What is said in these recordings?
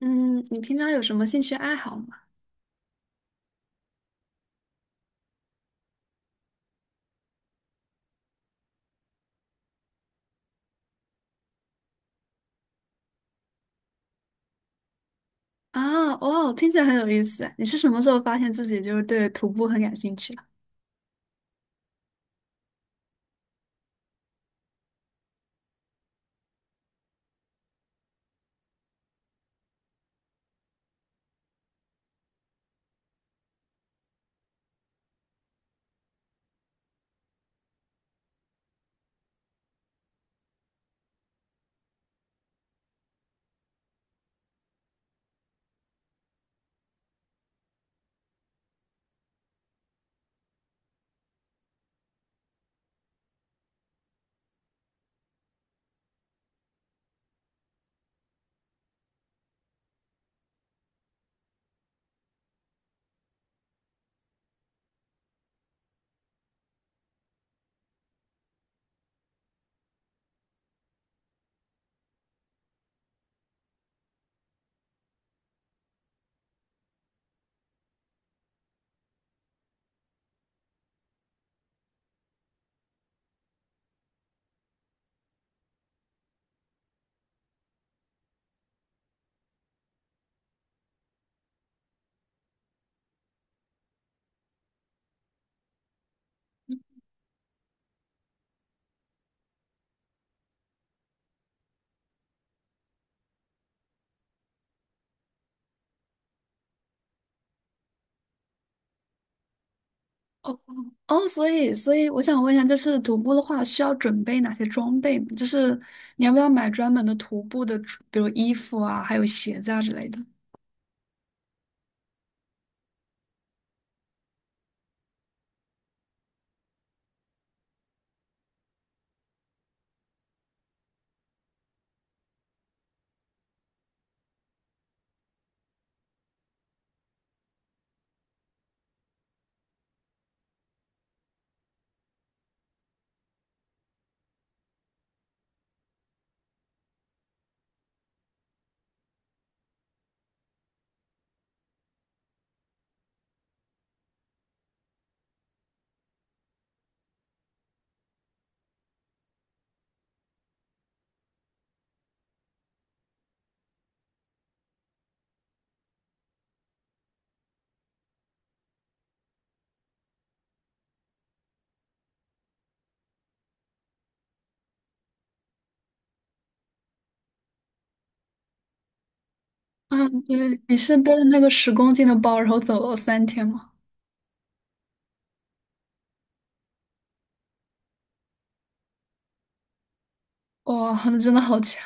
嗯，你平常有什么兴趣爱好吗？啊，哦，听起来很有意思。你是什么时候发现自己就是对徒步很感兴趣的？哦哦，所以我想问一下，就是徒步的话，需要准备哪些装备呢，就是你要不要买专门的徒步的比如衣服啊，还有鞋子啊之类的？嗯，对，你是背着那个10公斤的包，然后走了3天吗？哇，那真的好强！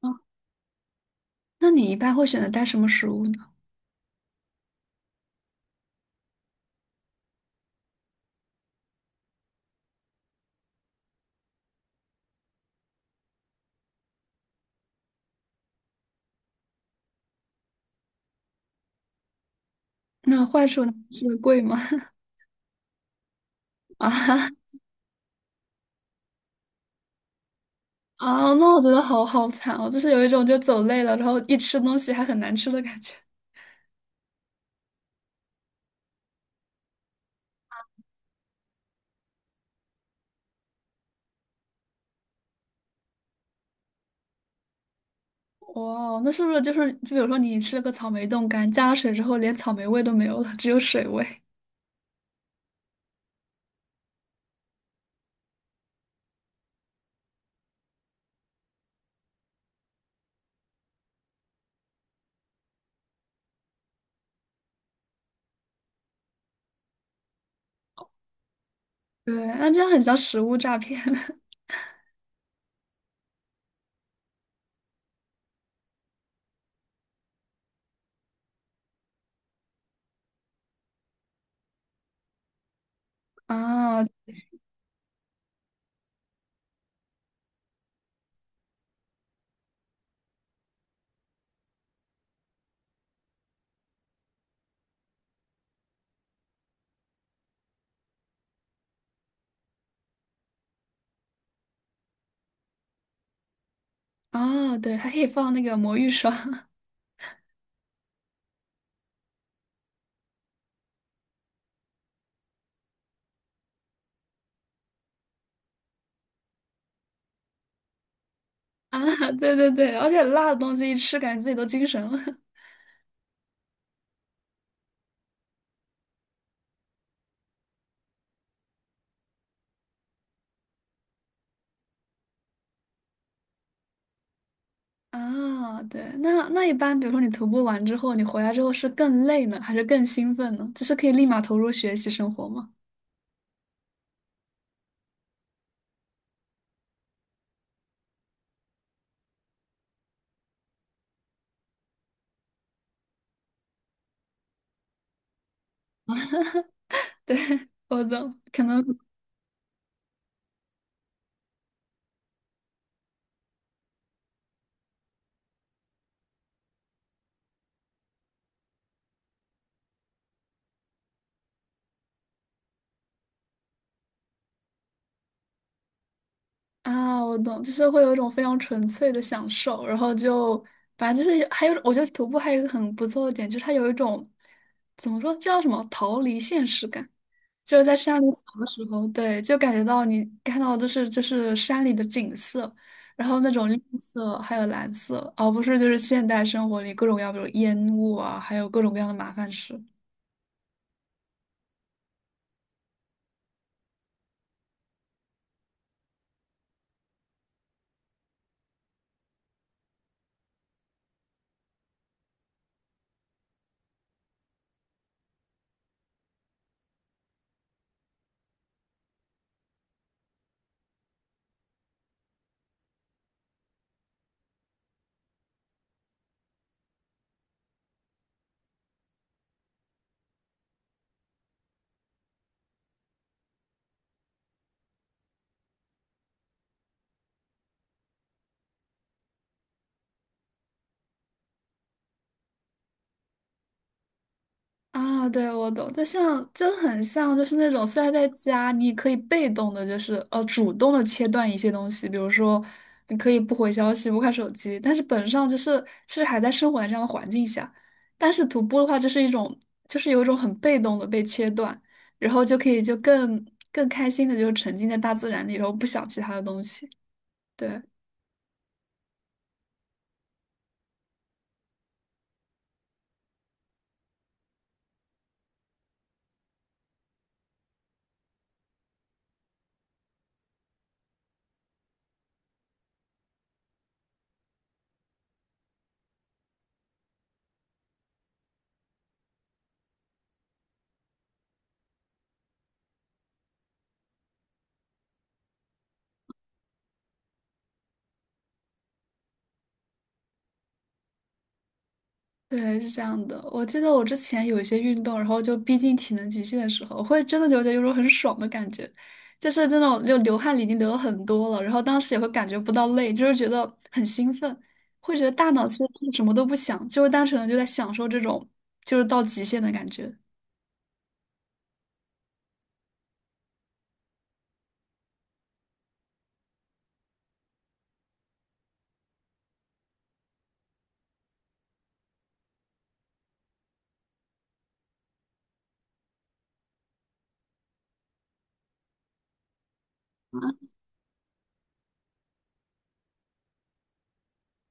哦，那你一般会选择带什么食物呢？那坏处呢？是贵吗？啊哈，啊，那我觉得好好惨哦，就是有一种就走累了，然后一吃东西还很难吃的感觉。哇哦，那是不是就是就比如说你吃了个草莓冻干，加了水之后连草莓味都没有了，只有水味？对，那这样很像食物诈骗。 啊啊！对，还可以放那个魔芋爽。 啊，对对对，而且辣的东西一吃，感觉自己都精神了。 啊。对，那那一般，比如说你徒步完之后，你回来之后是更累呢，还是更兴奋呢？就是可以立马投入学习生活吗？我的可能，啊，我懂，就是会有一种非常纯粹的享受，然后就反正就是还有，我觉得徒步还有一个很不错的点，就是它有一种怎么说，叫什么逃离现实感，就是在山里走的时候，对，就感觉到你看到的就是山里的景色，然后那种绿色还有蓝色，而不是就是现代生活里各种要不有烟雾啊，还有各种各样的麻烦事。啊，对，我懂，就很像，就是那种虽然在家，你也可以被动的，就是主动的切断一些东西，比如说你可以不回消息、不看手机，但是本质上就是其实还在生活在这样的环境下。但是徒步的话，就是一种就是有一种很被动的被切断，然后就可以就更开心的就是沉浸在大自然里，然后不想其他的东西。对，对，是这样的。我记得我之前有一些运动，然后就逼近体能极限的时候，我会真的就觉得有种很爽的感觉，就是这种就流汗已经流了很多了，然后当时也会感觉不到累，就是觉得很兴奋，会觉得大脑其实什么都不想，就是单纯的就在享受这种就是到极限的感觉。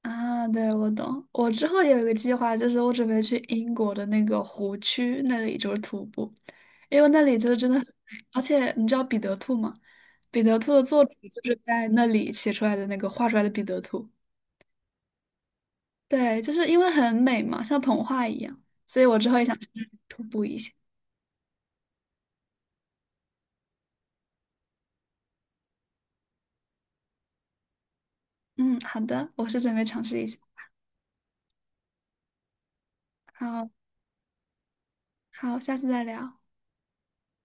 啊，对，我懂。我之后也有一个计划，就是我准备去英国的那个湖区那里，就是徒步，因为那里就是真的很美。而且你知道彼得兔吗？彼得兔的作者就是在那里写出来的那个画出来的彼得兔。对，就是因为很美嘛，像童话一样，所以我之后也想去那里徒步一下。嗯，好的，我是准备尝试一下。好，好，下次再聊。